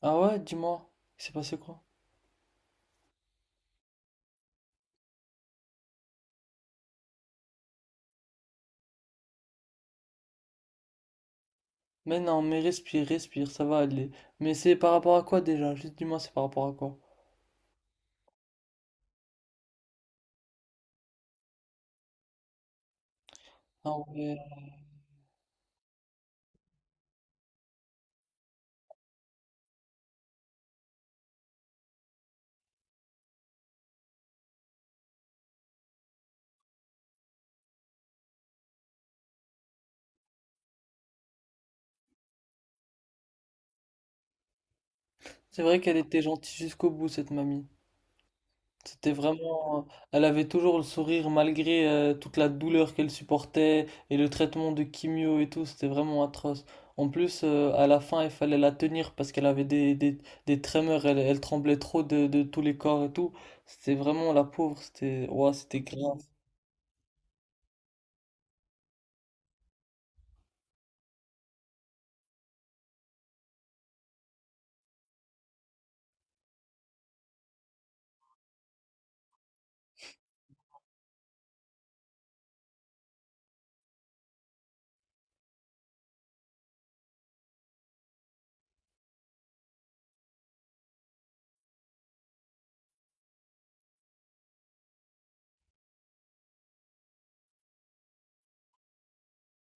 Ah ouais, dis-moi, il s'est passé quoi? Mais non, mais respire, respire, ça va aller. Mais c'est par rapport à quoi déjà? Juste dis-moi, c'est par rapport à quoi? Ah ouais. C'est vrai qu'elle était gentille jusqu'au bout, cette mamie. C'était vraiment. Elle avait toujours le sourire malgré toute la douleur qu'elle supportait et le traitement de chimio et tout, c'était vraiment atroce. En plus, à la fin, il fallait la tenir parce qu'elle avait des tremors, elle tremblait trop de tous les corps et tout. C'était vraiment la pauvre, c'était. Ouah, c'était grave.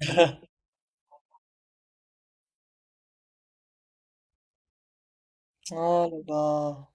Oh là là.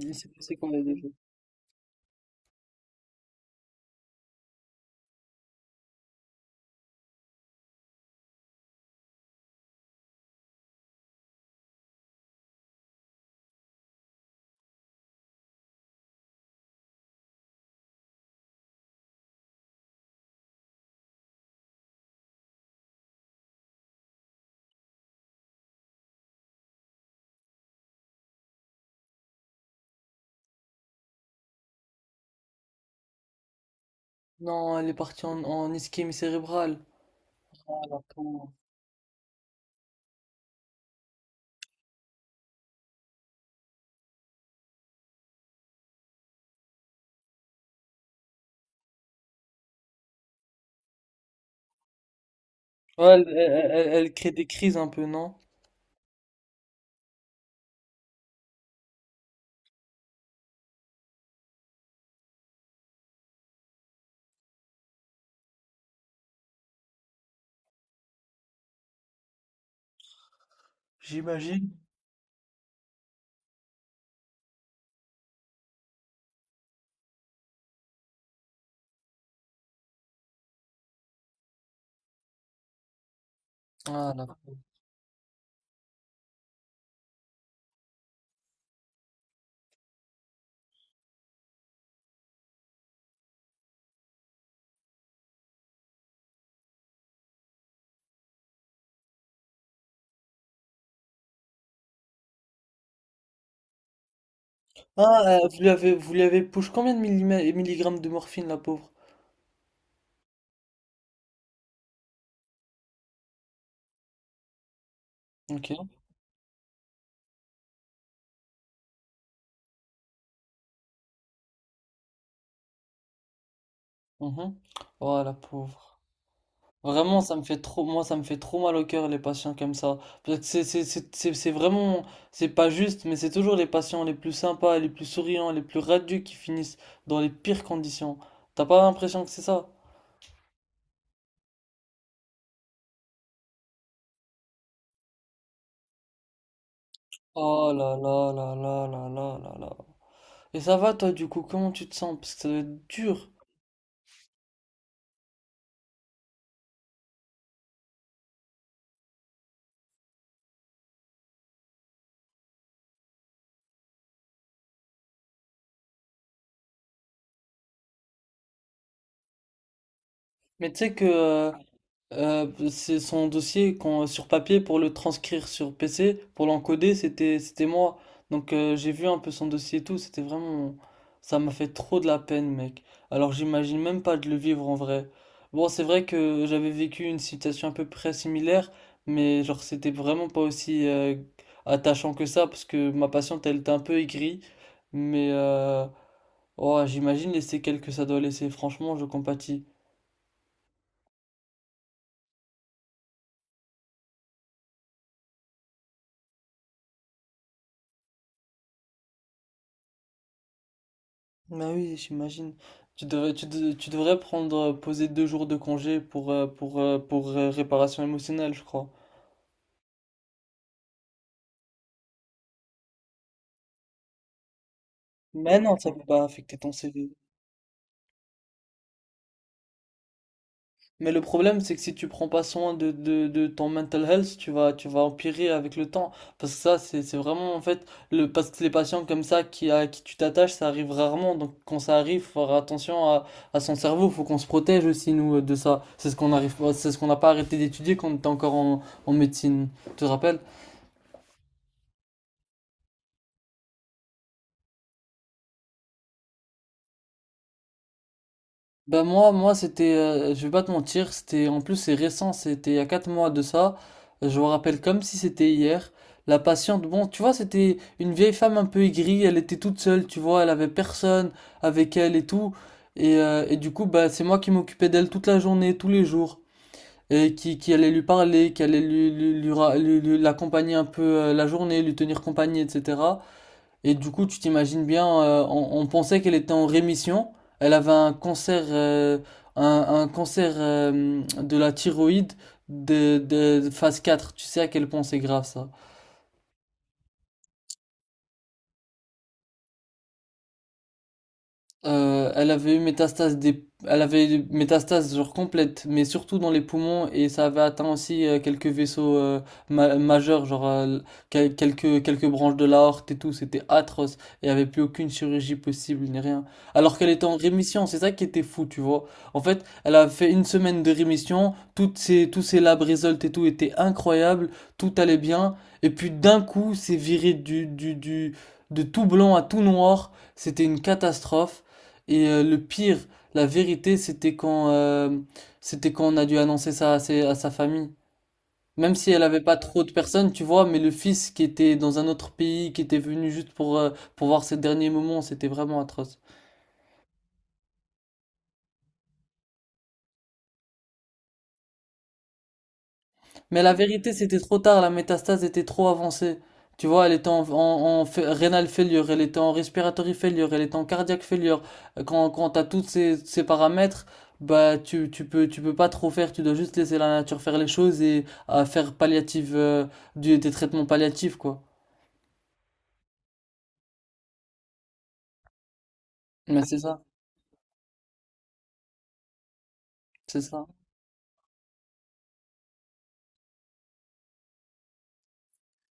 Il s'est passé quoi là déjà? Non, elle est partie en ischémie cérébrale. Ah, la pauvre. Ouais, elle crée des crises un peu, non? J'imagine. Ah, la pauvre. Vous lui avez push combien de milligrammes de morphine, la pauvre? Ok. Mhm. Oh, la pauvre. Vraiment, ça me fait trop, moi, ça me fait trop mal au cœur, les patients comme ça. Parce que c'est vraiment, c'est pas juste, mais c'est toujours les patients les plus sympas, les plus souriants, les plus radieux qui finissent dans les pires conditions. T'as pas l'impression que c'est ça? Oh là là là là là là là là. Et ça va toi du coup, comment tu te sens? Parce que ça doit être dur. Mais tu sais que c'est son dossier sur papier pour le transcrire sur PC, pour l'encoder, c'était moi. Donc j'ai vu un peu son dossier et tout, c'était vraiment... Ça m'a fait trop de la peine, mec. Alors j'imagine même pas de le vivre en vrai. Bon, c'est vrai que j'avais vécu une situation à peu près similaire, mais genre c'était vraiment pas aussi attachant que ça, parce que ma patiente, elle était un peu aigrie. Mais oh, j'imagine les séquelles que ça doit laisser, franchement, je compatis. Bah oui, j'imagine. Tu devrais prendre, poser deux jours de congé pour, réparation émotionnelle, je crois. Mais non, ça ne peut pas affecter ton CV. Mais le problème, c'est que si tu prends pas soin de ton mental health, tu vas empirer avec le temps. Parce que ça, c'est vraiment, en fait, le, parce que les patients comme ça qui, à qui tu t'attaches, ça arrive rarement. Donc quand ça arrive, faut faire attention à son cerveau. Faut qu'on se protège aussi, nous, de ça. C'est ce qu'on n'a pas arrêté d'étudier quand on était encore en médecine. Tu te rappelles? Moi c'était, je vais pas te mentir, c'était, en plus c'est récent, c'était il y a 4 mois de ça, je me rappelle comme si c'était hier, la patiente, bon tu vois c'était une vieille femme un peu aigrie, elle était toute seule, tu vois, elle avait personne avec elle et tout, et du coup bah c'est moi qui m'occupais d'elle toute la journée, tous les jours, qui allait lui parler, qui allait lui l'accompagner un peu la journée, lui tenir compagnie, etc. Et du coup, tu t'imagines bien, on pensait qu'elle était en rémission. Elle avait un cancer, un cancer de la thyroïde de phase 4. Tu sais à quel point c'est grave ça. Elle avait eu métastase des... elle avait eu métastase genre complète, mais surtout dans les poumons et ça avait atteint aussi quelques vaisseaux majeurs, quelques branches de l'aorte et tout. C'était atroce et il n'y avait plus aucune chirurgie possible ni rien. Alors qu'elle était en rémission, c'est ça qui était fou, tu vois. En fait, elle a fait une semaine de rémission, toutes ses tous ses lab results et tout étaient incroyables, tout allait bien et puis d'un coup, c'est viré du de tout blanc à tout noir. C'était une catastrophe. Et le pire, la vérité, c'était quand on a dû annoncer ça à sa famille. Même si elle avait pas trop de personnes, tu vois, mais le fils qui était dans un autre pays, qui était venu juste pour voir ses derniers moments, c'était vraiment atroce. Mais la vérité, c'était trop tard, la métastase était trop avancée. Tu vois, elle était renal failure, elle était en respiratory failure, elle était en cardiaque failure. Quand t'as ces paramètres, bah tu, tu peux pas trop faire, tu dois juste laisser la nature faire les choses et à faire palliative des traitements palliatifs quoi. Mais c'est ça, c'est ça.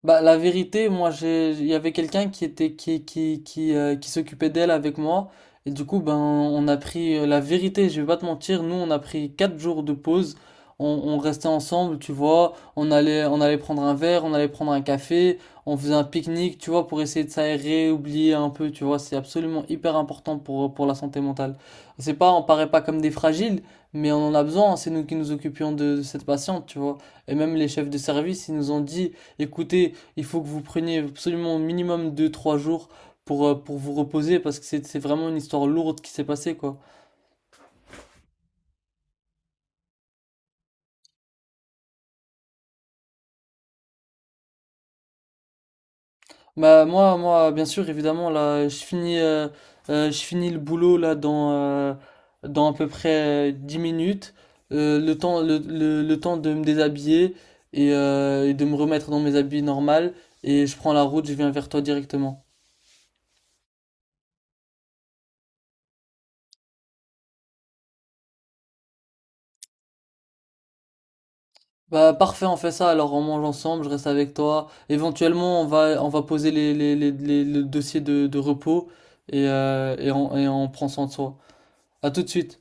Bah, la vérité, moi, j'ai, il y avait quelqu'un qui était, qui s'occupait d'elle avec moi. Et du coup, ben, on a pris la vérité, je vais pas te mentir. Nous, on a pris quatre jours de pause. On restait ensemble, tu vois. On allait prendre un verre, on allait prendre un café. On faisait un pique-nique, tu vois, pour essayer de s'aérer, oublier un peu, tu vois. C'est absolument hyper important pour la santé mentale. C'est pas, on paraît pas comme des fragiles, mais on en a besoin. C'est nous qui nous occupions de cette patiente, tu vois. Et même les chefs de service, ils nous ont dit, écoutez, il faut que vous preniez absolument au minimum deux trois jours pour vous reposer parce que c'est vraiment une histoire lourde qui s'est passée quoi. Bah moi moi bien sûr évidemment là je finis le boulot là dans dans à peu près 10 minutes. Le temps le temps de me déshabiller et de me remettre dans mes habits normaux et je prends la route, je viens vers toi directement. Bah parfait, on fait ça. Alors on mange ensemble, je reste avec toi. Éventuellement, on va poser le dossier de repos et et on prend soin de soi. À tout de suite.